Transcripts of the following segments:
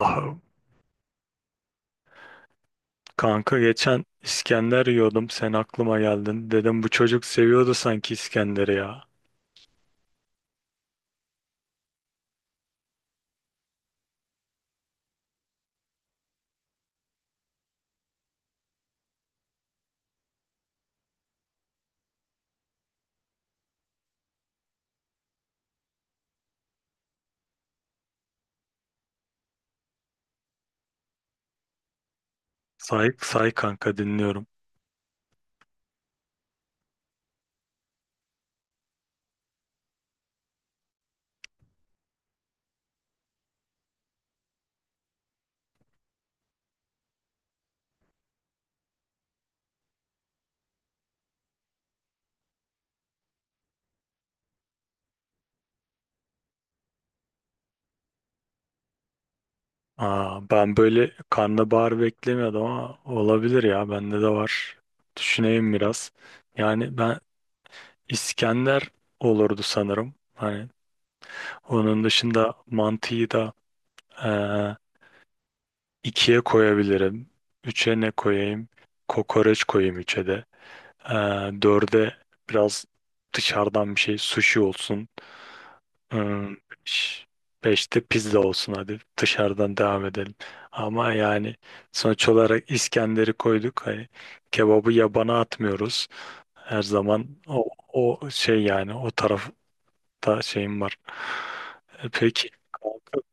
Allah'ım. Kanka geçen İskender yiyordum. Sen aklıma geldin. Dedim bu çocuk seviyordu sanki İskender'i ya. Say, say kanka dinliyorum. Aa, ben böyle karnabahar beklemiyordum ama olabilir ya. Bende de var. Düşüneyim biraz. Yani ben İskender olurdu sanırım. Hani onun dışında mantıyı da İkiye koyabilirim. Üçe ne koyayım? Kokoreç koyayım üçe de. Ee, Dörde biraz dışarıdan bir şey sushi olsun. Hmm, ş- Beşte pizza olsun, hadi dışarıdan devam edelim. Ama yani sonuç olarak İskender'i koyduk. Hani kebabı yabana atmıyoruz. Her zaman o, o şey yani o tarafı. Hatta şeyim var. E, peki kalkıp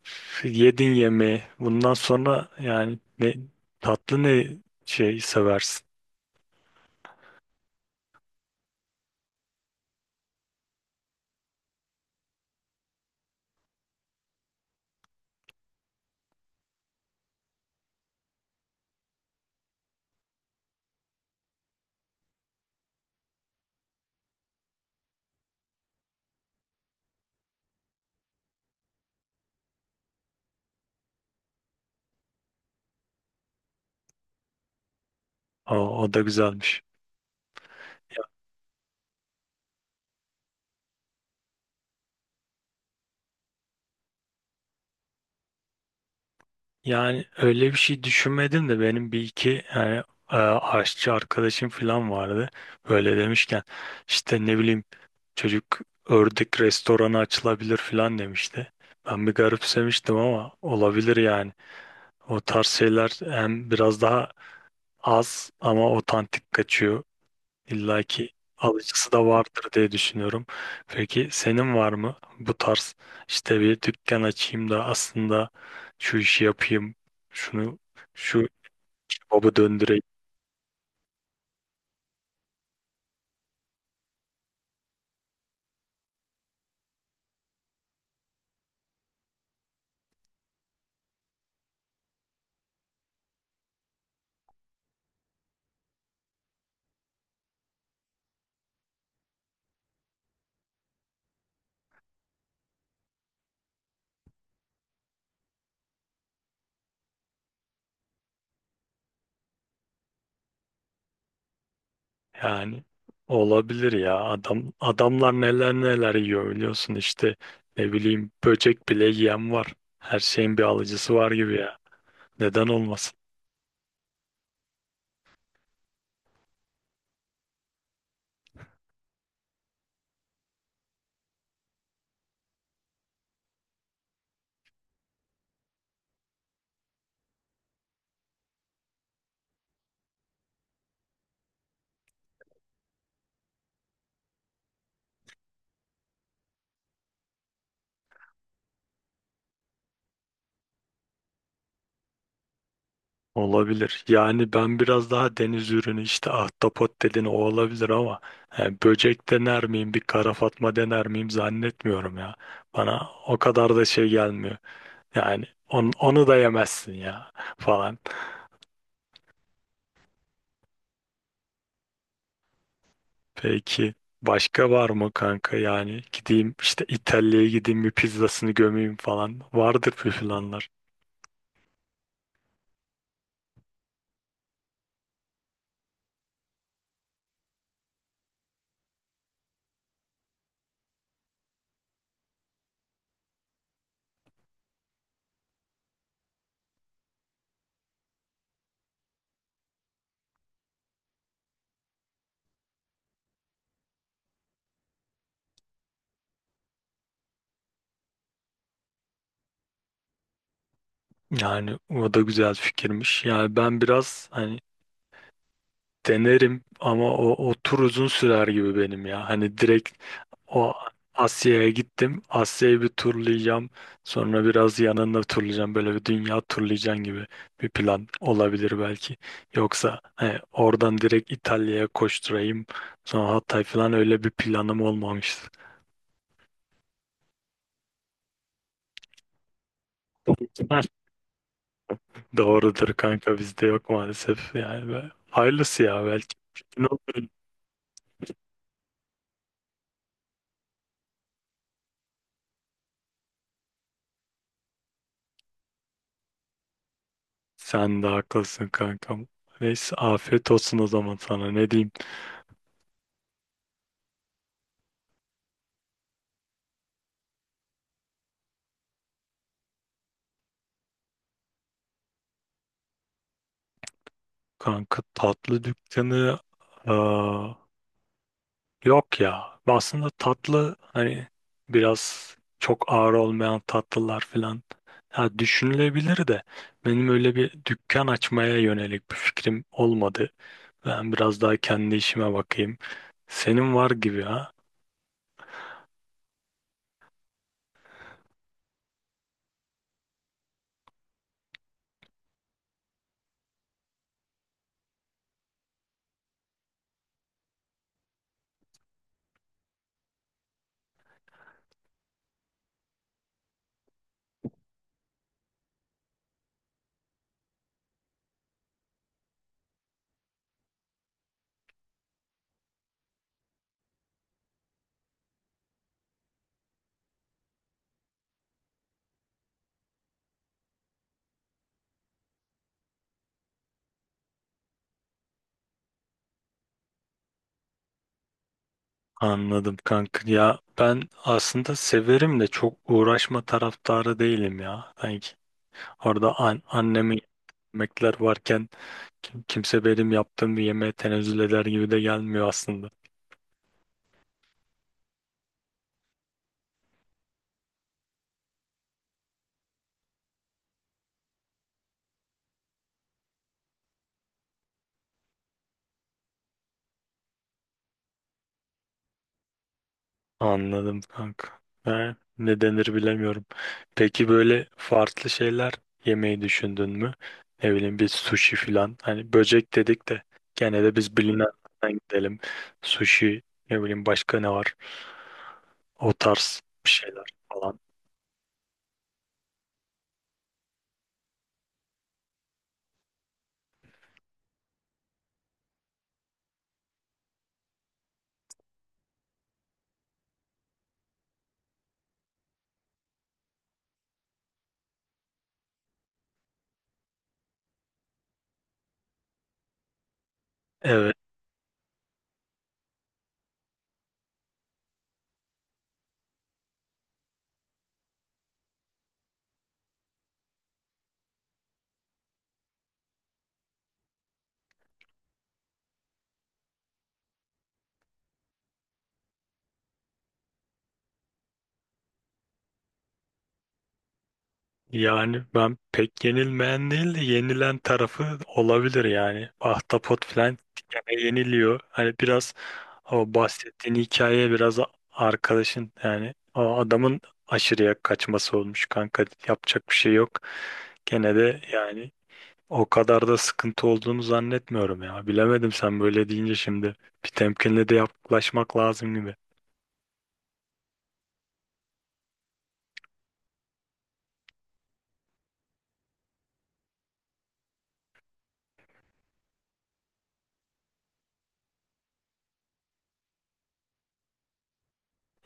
yedin yemeği. Bundan sonra yani ne, tatlı ne şey seversin? O, o da güzelmiş. Yani öyle bir şey düşünmedim de benim bir iki yani aşçı arkadaşım falan vardı. Böyle demişken işte ne bileyim çocuk ördek restoranı açılabilir falan demişti. Ben bir garipsemiştim ama olabilir yani. O tarz şeyler hem biraz daha az ama otantik kaçıyor. İlla ki alıcısı da vardır diye düşünüyorum. Peki senin var mı bu tarz işte bir dükkan açayım da aslında şu işi yapayım, şunu şu kebabı döndüreyim. Yani olabilir ya, adam adamlar neler neler yiyor biliyorsun işte ne bileyim böcek bile yiyen var. Her şeyin bir alıcısı var gibi ya. Neden olmasın? Olabilir. Yani ben biraz daha deniz ürünü işte ahtapot dedin o olabilir ama yani böcek dener miyim, bir kara fatma dener miyim zannetmiyorum ya. Bana o kadar da şey gelmiyor. Yani onu da yemezsin ya falan. Peki başka var mı kanka? Yani gideyim işte İtalya'ya gideyim bir pizzasını gömeyim falan. Vardır bir planlar. Yani o da güzel fikirmiş. Yani ben biraz hani denerim ama o, o tur uzun sürer gibi benim ya. Hani direkt o Asya'ya gittim. Asya'yı bir turlayacağım. Sonra biraz yanında turlayacağım. Böyle bir dünya turlayacaksın gibi bir plan olabilir belki. Yoksa hani oradan direkt İtalya'ya koşturayım. Sonra Hatay falan öyle bir planım olmamıştı. Doğrudur kanka, bizde yok maalesef. Yani hayırlısı ya belki. Sen de haklısın kankam. Neyse afiyet olsun o zaman, sana ne diyeyim. Kanka tatlı dükkanı, aa, yok ya. Aslında tatlı hani biraz çok ağır olmayan tatlılar falan ya düşünülebilir de benim öyle bir dükkan açmaya yönelik bir fikrim olmadı. Ben biraz daha kendi işime bakayım. Senin var gibi ha. Anladım kanka. Ya ben aslında severim de çok uğraşma taraftarı değilim ya. Sanki orada annemin yemekler varken kimse benim yaptığım bir yemeğe tenezzül eder gibi de gelmiyor aslında. Anladım kanka. Ha, ne denir bilemiyorum. Peki böyle farklı şeyler yemeyi düşündün mü? Ne bileyim bir sushi filan. Hani böcek dedik de gene de biz bilinenlerden gidelim. Sushi, ne bileyim başka ne var? O tarz bir şeyler falan. Evet. Yani ben pek yenilmeyen değil de yenilen tarafı olabilir yani. Ahtapot filan gene yeniliyor. Hani biraz, o bahsettiğin hikaye biraz arkadaşın yani o adamın aşırıya kaçması olmuş kanka, yapacak bir şey yok. Gene de yani o kadar da sıkıntı olduğunu zannetmiyorum ya. Bilemedim, sen böyle deyince şimdi bir temkinle de yaklaşmak lazım gibi.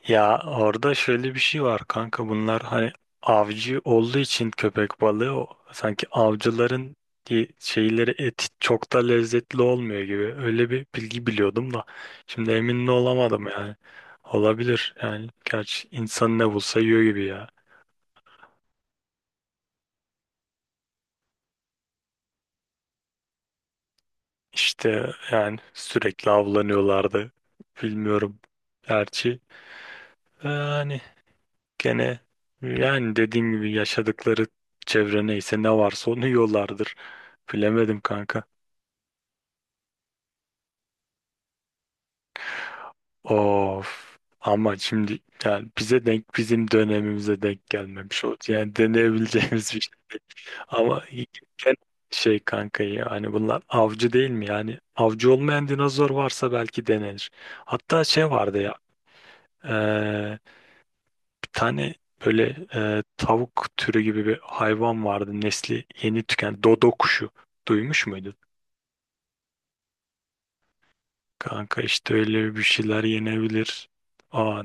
Ya orada şöyle bir şey var kanka, bunlar hani avcı olduğu için köpek balığı o, sanki avcıların şeyleri, eti çok da lezzetli olmuyor gibi öyle bir bilgi biliyordum da şimdi emin de olamadım yani. Olabilir yani, gerçi insan ne bulsa yiyor gibi ya. İşte yani sürekli avlanıyorlardı, bilmiyorum gerçi. Yani gene yani dediğim gibi yaşadıkları çevre neyse ne varsa onu yiyorlardır. Bilemedim kanka. Of. Ama şimdi yani bize denk, bizim dönemimize denk gelmemiş oldu. Yani deneyebileceğimiz bir şey. Ama gen- şey kanka ya, hani bunlar avcı değil mi? Yani avcı olmayan dinozor varsa belki denenir. Hatta şey vardı ya, eee, bir tane böyle tavuk türü gibi bir hayvan vardı. Nesli yeni tüken dodo kuşu. Duymuş muydun? Kanka işte öyle bir şeyler yenebilir. Aa,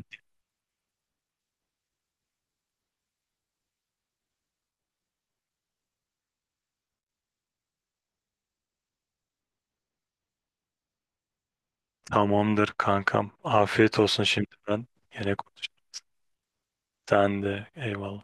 tamamdır kankam. Afiyet olsun şimdiden. Yine konuş. Sen de eyvallah.